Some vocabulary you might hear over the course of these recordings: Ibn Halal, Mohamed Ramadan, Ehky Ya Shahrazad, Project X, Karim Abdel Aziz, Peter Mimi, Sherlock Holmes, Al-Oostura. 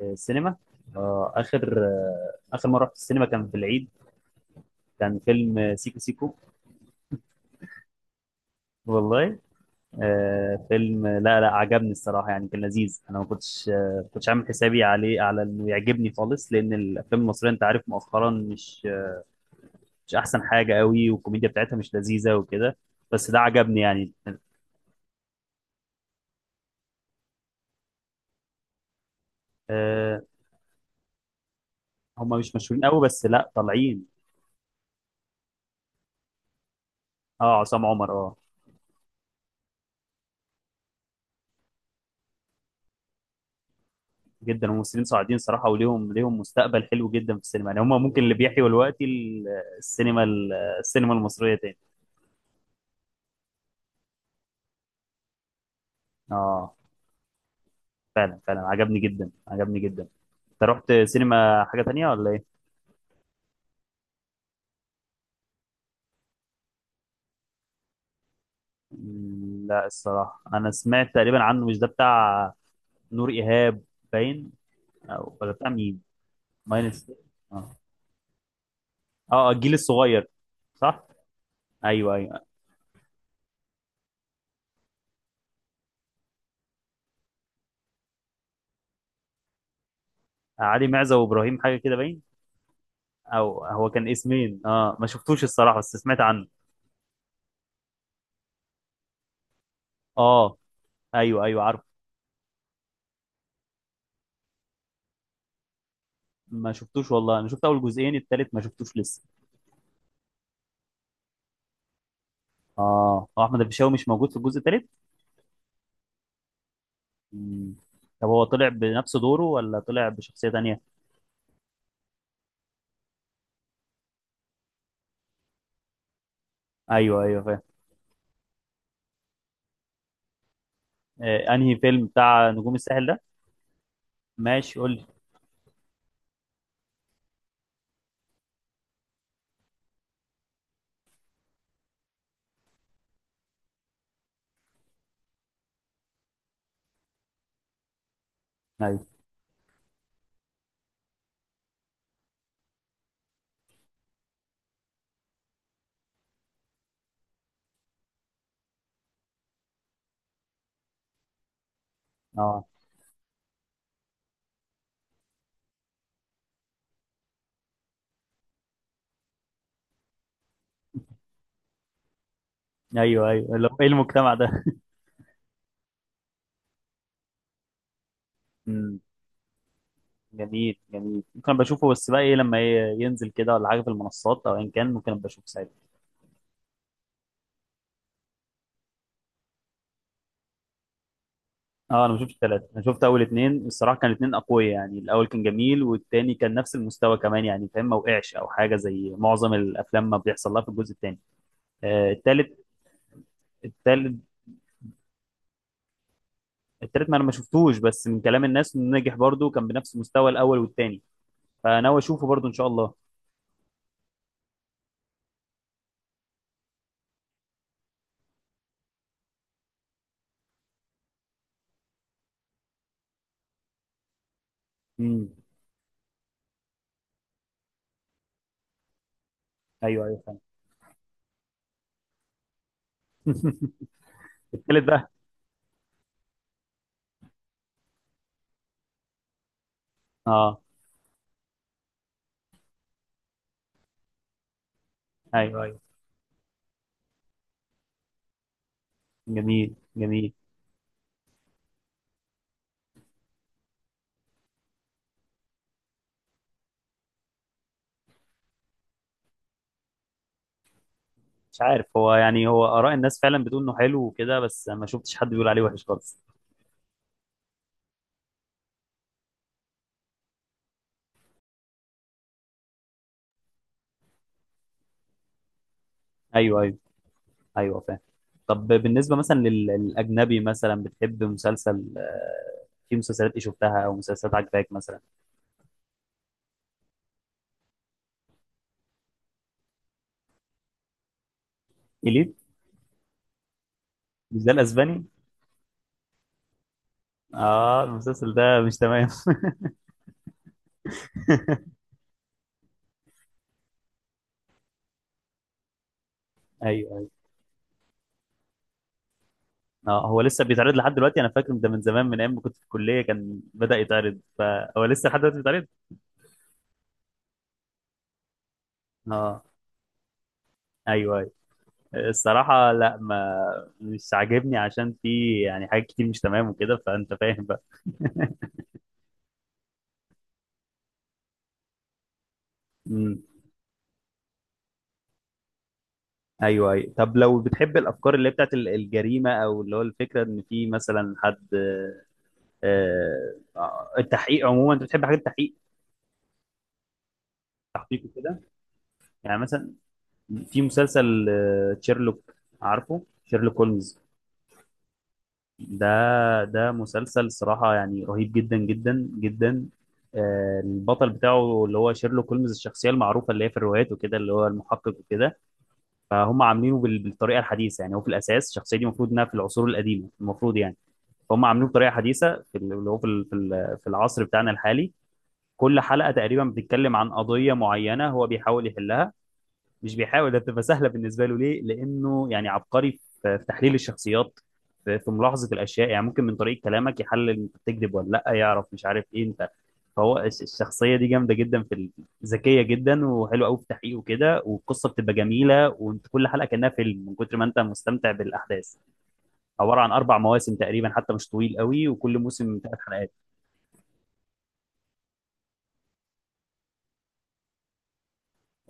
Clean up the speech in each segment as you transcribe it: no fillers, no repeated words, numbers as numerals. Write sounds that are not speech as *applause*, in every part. السينما. آه اخر مره رحت السينما كان في العيد. كان فيلم سيكو سيكو. والله آه، فيلم لا عجبني الصراحه، يعني كان لذيذ. انا ما كنتش كنتش عامل حسابي عليه على انه يعجبني خالص، لان الافلام المصريه انت عارف مؤخرا مش احسن حاجه قوي، والكوميديا بتاعتها مش لذيذه وكده. بس ده عجبني يعني. آه. هم مش مشهورين قوي، بس لا طالعين. اه، عصام عمر اه. جدا، الممثلين صاعدين صراحه، وليهم مستقبل حلو جدا في السينما، يعني هم ممكن اللي بيحيوا دلوقتي السينما، السينما المصريه تاني. اه، فعلا عجبني جدا، عجبني جدا. انت رحت سينما حاجه تانية ولا ايه؟ مم، لا الصراحه انا سمعت تقريبا عنه، مش ده بتاع نور ايهاب باين، او ولا بتاع مين؟ ماينس. اه. اه، الجيل الصغير. صح. ايوه ايوه. علي معزه وابراهيم حاجه كده باين، او هو كان اسمين. اه، ما شفتوش الصراحه بس سمعت عنه. اه. ايوه ايوه عارف. ما شفتوش والله، انا شفت اول جزئين، التالت ما شفتوش لسه. اه، هو احمد الفيشاوي مش موجود في الجزء التالت. مم. طب هو طلع بنفس دوره ولا طلع بشخصية تانية؟ ايوه ايوه فاهم. آه، انهي فيلم بتاع نجوم الساحل ده؟ ماشي قول لي. ايوه. اه. ايوه ايوه، اللي هو ايه المجتمع ده؟ *laughs* مم. جميل جميل، ممكن أبقى اشوفه، بس بقى ايه لما ينزل كده، ولا حاجة في المنصات، او ان كان ممكن أبقى اشوفه ساعتها. اه، انا ما شفتش ثلاثة، انا شفت اول اتنين الصراحة. كان اتنين اقوياء يعني، الاول كان جميل والتاني كان نفس المستوى كمان يعني فاهم، ما وقعش او حاجة زي معظم الافلام ما بيحصل لها في الجزء التاني. آه، التالت. التالت. التالت ما انا ما شفتوش، بس من كلام الناس انه نجح برضه، كان بنفس مستوى الاول والتاني. فناوي اشوفه برضه ان شاء الله. امم ايوه ايوه فاهم. التالت بقى. اه. ايوه ايوه. جميل جميل. مش عارف هو يعني، هو اراء الناس فعلا بتقول انه حلو وكده، بس ما شفتش حد بيقول عليه وحش خالص. ايوه ايوه. ايوه فاهم. طب بالنسبه مثلا للاجنبي مثلا، بتحب مسلسل، في مسلسلات ايه شفتها او مسلسلات عجباك مثلا؟ اليت؟ مش ده الاسباني؟ اه، المسلسل ده مش تمام. *laughs* ايوه ايوه. اه هو لسه بيتعرض لحد دلوقتي، انا فاكر ده من زمان، من ايام ما كنت في الكليه كان بدأ يتعرض، فهو لسه لحد دلوقتي بيتعرض. اه. ايوه ايوه. الصراحه لا، ما مش عاجبني، عشان في يعني حاجات كتير مش تمام وكده، فانت فاهم. بقى. ايوه ايوه. طب لو بتحب الافكار اللي هي بتاعت الجريمه، او اللي هو الفكره ان في مثلا حد، التحقيق عموما، انت بتحب حاجات التحقيق، تحقيق كده؟ يعني مثلا، في مسلسل شيرلوك، عارفه شيرلوك هولمز؟ ده، ده مسلسل صراحه يعني رهيب، جدا جدا جدا. البطل بتاعه اللي هو شيرلوك هولمز، الشخصيه المعروفه اللي هي في الروايات وكده، اللي هو المحقق وكده. فهم عاملينه بالطريقه الحديثه، يعني هو في الاساس الشخصيه دي المفروض انها في العصور القديمه المفروض يعني، فهم عاملين بطريقه حديثه في ال- اللي هو في ال- في ال- في العصر بتاعنا الحالي. كل حلقه تقريبا بتتكلم عن قضيه معينه هو بيحاول يحلها، مش بيحاول ده بتبقى سهله بالنسبه له، ليه؟ لانه يعني عبقري في تحليل الشخصيات، في ملاحظه الاشياء. يعني ممكن من طريقه كلامك يحلل انت بتكذب ولا لا، يعرف مش عارف ايه انت. فهو الشخصيه دي جامده جدا ذكيه جدا وحلوه قوي في تحقيقه كده، والقصه بتبقى جميله، وانت كل حلقه كانها فيلم من كتر ما انت مستمتع بالاحداث. عباره عن اربع مواسم تقريبا، حتى مش طويل قوي، وكل موسم ثلاث حلقات.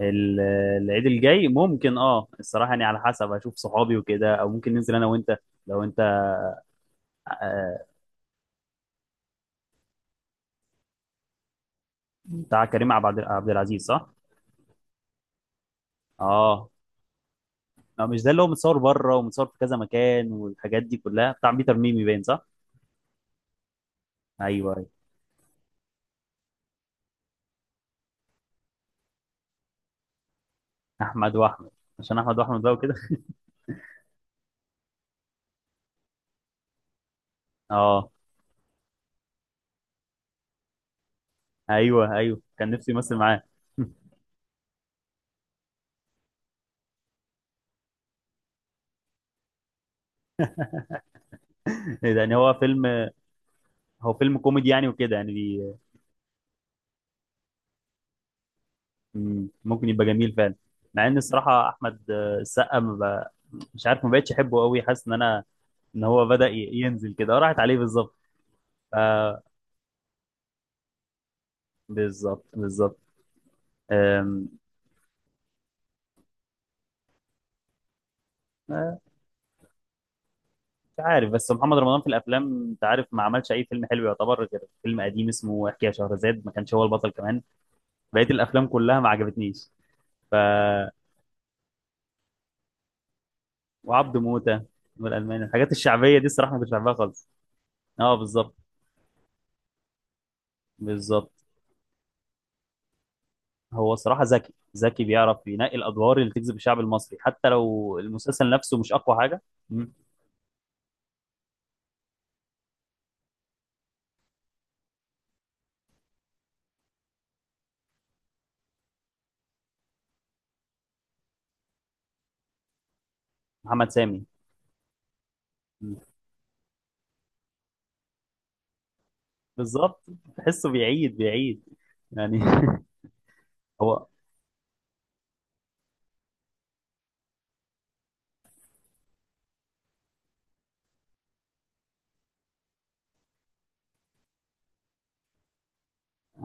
ال- العيد الجاي ممكن اه، الصراحه يعني على حسب اشوف صحابي وكده، او ممكن ننزل انا وانت لو انت. آه، بتاع كريم عبد العزيز صح؟ اه. آه، مش ده اللي هو متصور بره ومتصور في كذا مكان، والحاجات دي كلها بتاع بيتر ميمي باين صح؟ ايوه ايوه. احمد واحمد. عشان احمد واحمد بقى وكده. *laughs* اه. ايوه ايوه كان نفسي يمثل معاه. *laughs* يعني هو فيلم، هو فيلم كوميدي يعني وكده يعني. مم. ممكن يبقى جميل فعلا. مع ان الصراحه احمد السقا ما بقى، مش عارف، ما بقتش احبه قوي، حاسس ان انا، ان هو بدا ينزل كده، راحت عليه بالظبط. آه، بالظبط. آم، آه، مش عارف، بس محمد رمضان في الافلام انت عارف، ما عملش اي فيلم حلو يعتبر، غير فيلم قديم اسمه احكي يا شهرزاد، ما كانش هو البطل كمان. بقيه الافلام كلها ما عجبتنيش. ف، وعبد موته والالماني، الحاجات الشعبيه دي الصراحه ما كنتش بحبها خالص. اه بالظبط. بالظبط. هو الصراحة ذكي، ذكي بيعرف ينقي الأدوار اللي تجذب الشعب المصري، حتى لو المسلسل نفسه مش أقوى حاجة. مم. محمد سامي. مم. بالظبط. تحسه بيعيد يعني. *laughs* هو.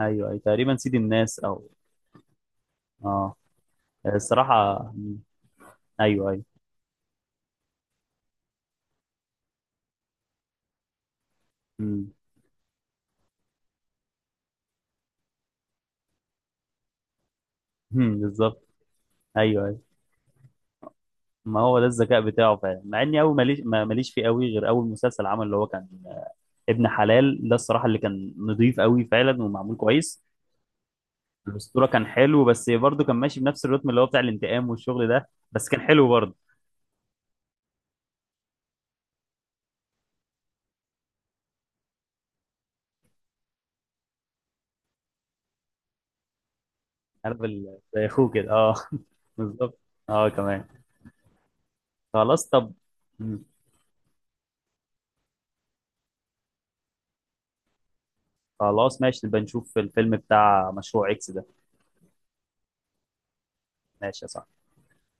أيوه أيوه تقريبا سيد الناس، أو آه. الصراحة. مم. أيوه أيوه. مم. مم. بالظبط. أيوه أيوه. ما هو ده الذكاء بتاعه فعلا، مع إني أول ماليش ماليش فيه قوي، غير أول مسلسل عمل اللي هو كان ابن حلال ده الصراحة، اللي كان نضيف قوي فعلا ومعمول كويس. الأسطورة كان حلو، بس برضه كان ماشي بنفس الريتم اللي هو بتاع الانتقام والشغل ده، بس كان حلو برضه. عارف زي أخوه كده أه. *laughs* بالظبط. أه كمان. خلاص طب. مم. خلاص ماشي، نبقى نشوف الفيلم بتاع مشروع إكس ده. ماشي يا صاحبي.